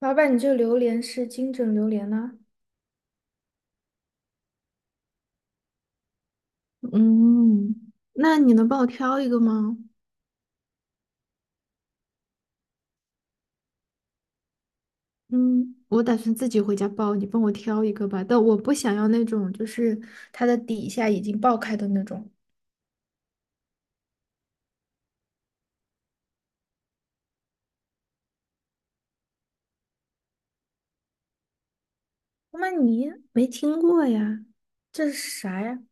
老板，你这榴莲是金枕榴莲呢、嗯，那你能帮我挑一个吗？嗯，我打算自己回家包，你帮我挑一个吧。但我不想要那种就是它的底下已经爆开的那种。那你没听过呀？这是啥呀？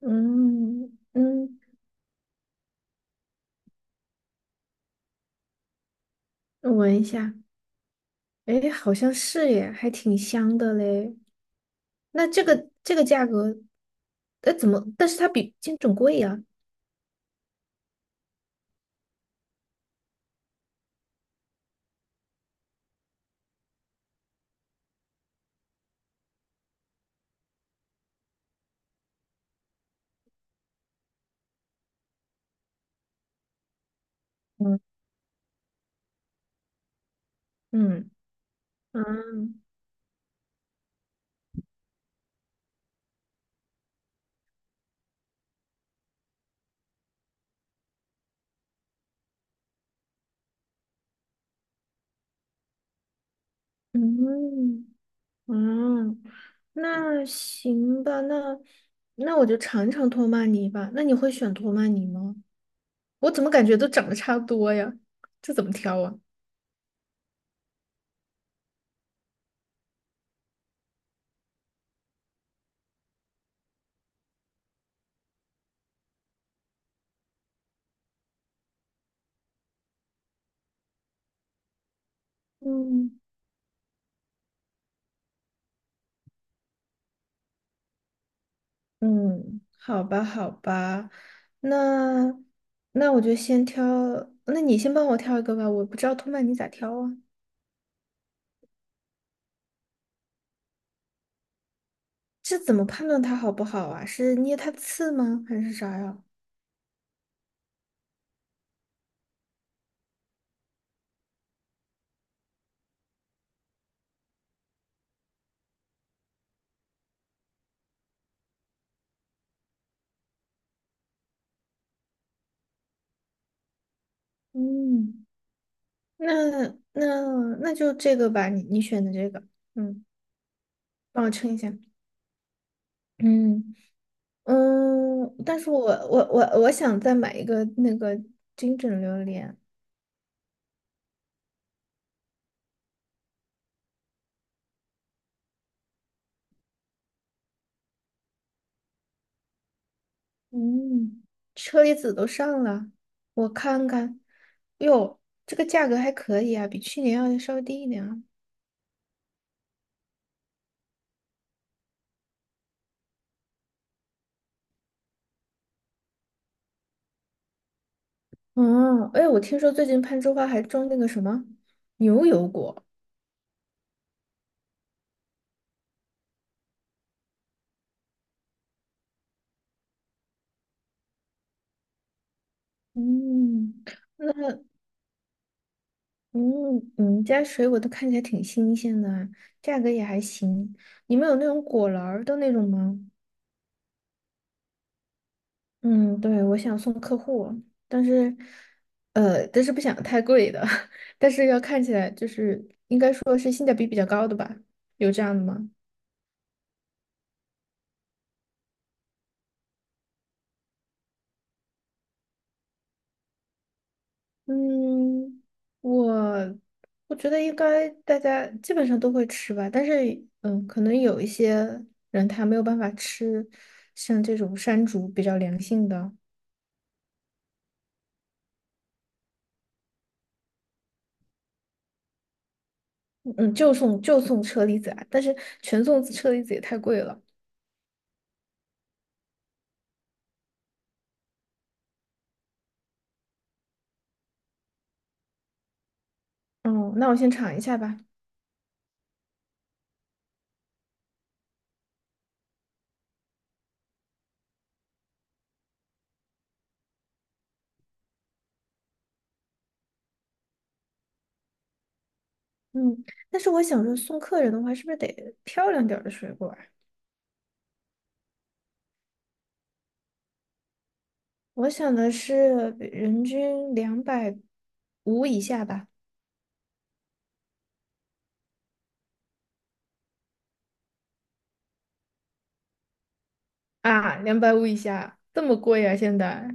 嗯嗯，我闻一下，诶，好像是耶，还挺香的嘞。那这个这个价格，呃，怎么？但是它比金枕贵呀、嗯嗯，嗯，嗯嗯，那行吧，那我就尝尝托曼尼吧。那你会选托曼尼吗？我怎么感觉都长得差不多呀？这怎么挑啊？嗯嗯，好吧好吧，那那我就先挑，那你先帮我挑一个吧，我不知道托曼尼咋挑啊？这怎么判断它好不好啊？是捏它刺吗？还是啥呀？嗯，那那就这个吧，你选的这个。嗯。帮我称一下。嗯嗯，但是我想再买一个那个金枕榴莲。嗯，车厘子都上了，我看看，哟，这个价格还可以啊，比去年要稍微低一点啊。哦，哎，我听说最近攀枝花还种那个什么牛油果。嗯，那嗯，你们家水果都看起来挺新鲜的啊，价格也还行。你们有那种果篮儿的那种吗？嗯，对，我想送客户，但是，但是不想太贵的，但是要看起来就是应该说是性价比比较高的吧？有这样的吗？嗯，我我觉得应该大家基本上都会吃吧，但是嗯，可能有一些人他没有办法吃像这种山竹比较良性的，嗯，嗯就送就送车厘子啊，但是全送车厘子也太贵了。哦，那我先尝一下吧。嗯，但是我想说，送客人的话，是不是得漂亮点儿的水果啊？我想的是人均两百五以下吧。啊，两百五以下，这么贵啊，现在。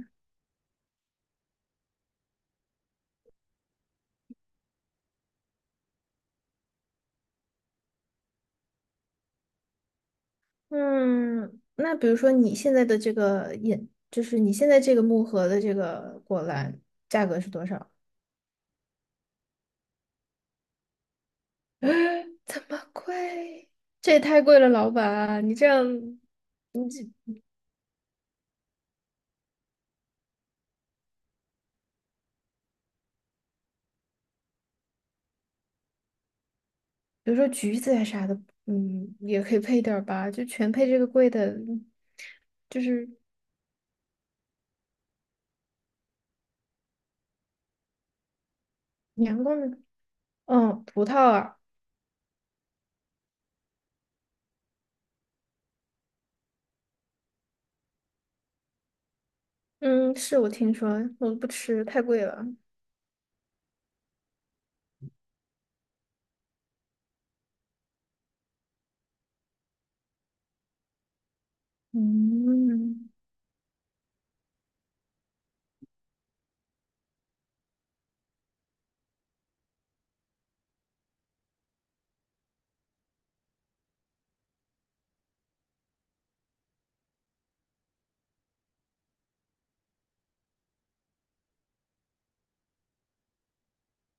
嗯，那比如说你现在的这个饮，就是你现在这个木盒的这个果篮，价格是多少？这么贵？这也太贵了，老板，你这样，比如说橘子呀啥的，嗯，也可以配点儿吧，就全配这个贵的，就是。年糕是，嗯，葡萄啊，嗯，是我听说，我不吃，太贵了。嗯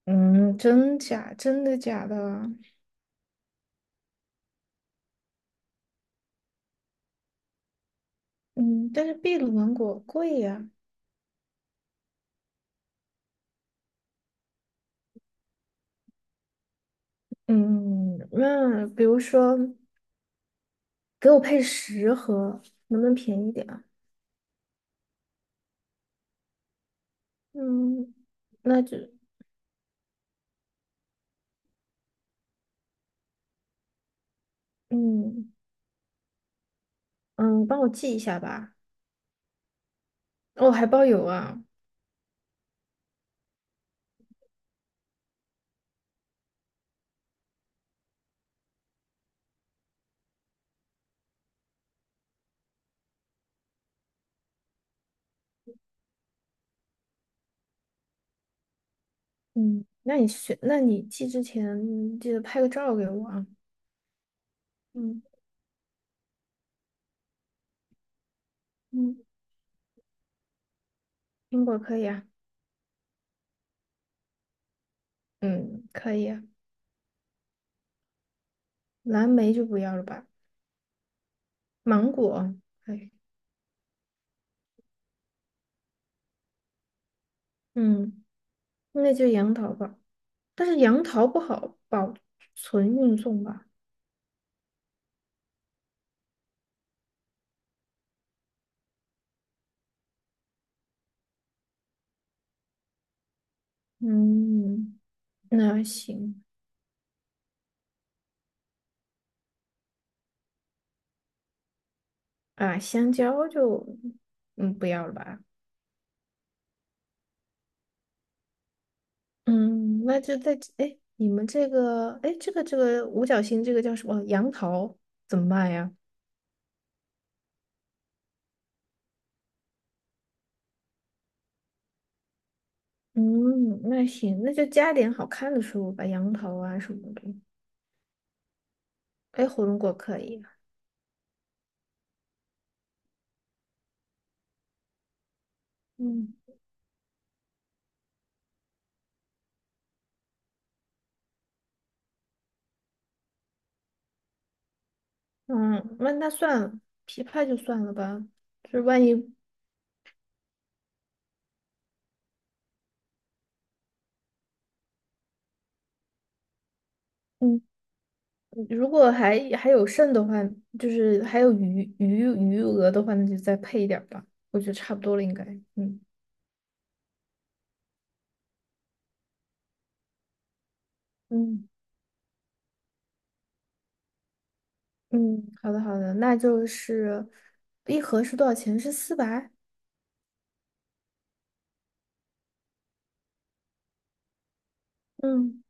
嗯，真假？真的假的？嗯，但是秘鲁芒果贵呀。嗯，那比如说给我配10盒，能不能便宜点啊？嗯，那就嗯嗯，帮我寄一下吧。哦，还包邮啊。嗯，那你选，那你寄之前记得拍个照给我啊。嗯嗯，苹果可以啊。嗯，可以啊，蓝莓就不要了吧，芒果，哎，嗯，那就杨桃吧。但是杨桃不好保存运送吧？嗯，那行啊，香蕉就嗯不要了吧？嗯，那就再哎，你们这个哎，这个这个五角星这个叫什么？杨桃怎么办呀？嗯，那行，那就加点好看的食物吧，杨桃啊什么的。哎，火龙果可以啊。嗯。嗯，那那算了，琵琶就算了吧。就是万一，嗯，如果还有剩的话，就是还有余额的话，那就再配一点儿吧。我觉得差不多了，应该。嗯嗯嗯，好的好的，那就是一盒是多少钱？是400。嗯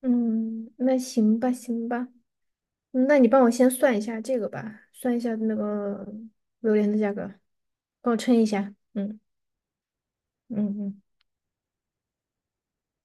嗯，那行吧行吧，嗯那你帮我先算一下这个吧，算一下那个榴莲的价格，帮我称一下。嗯嗯嗯。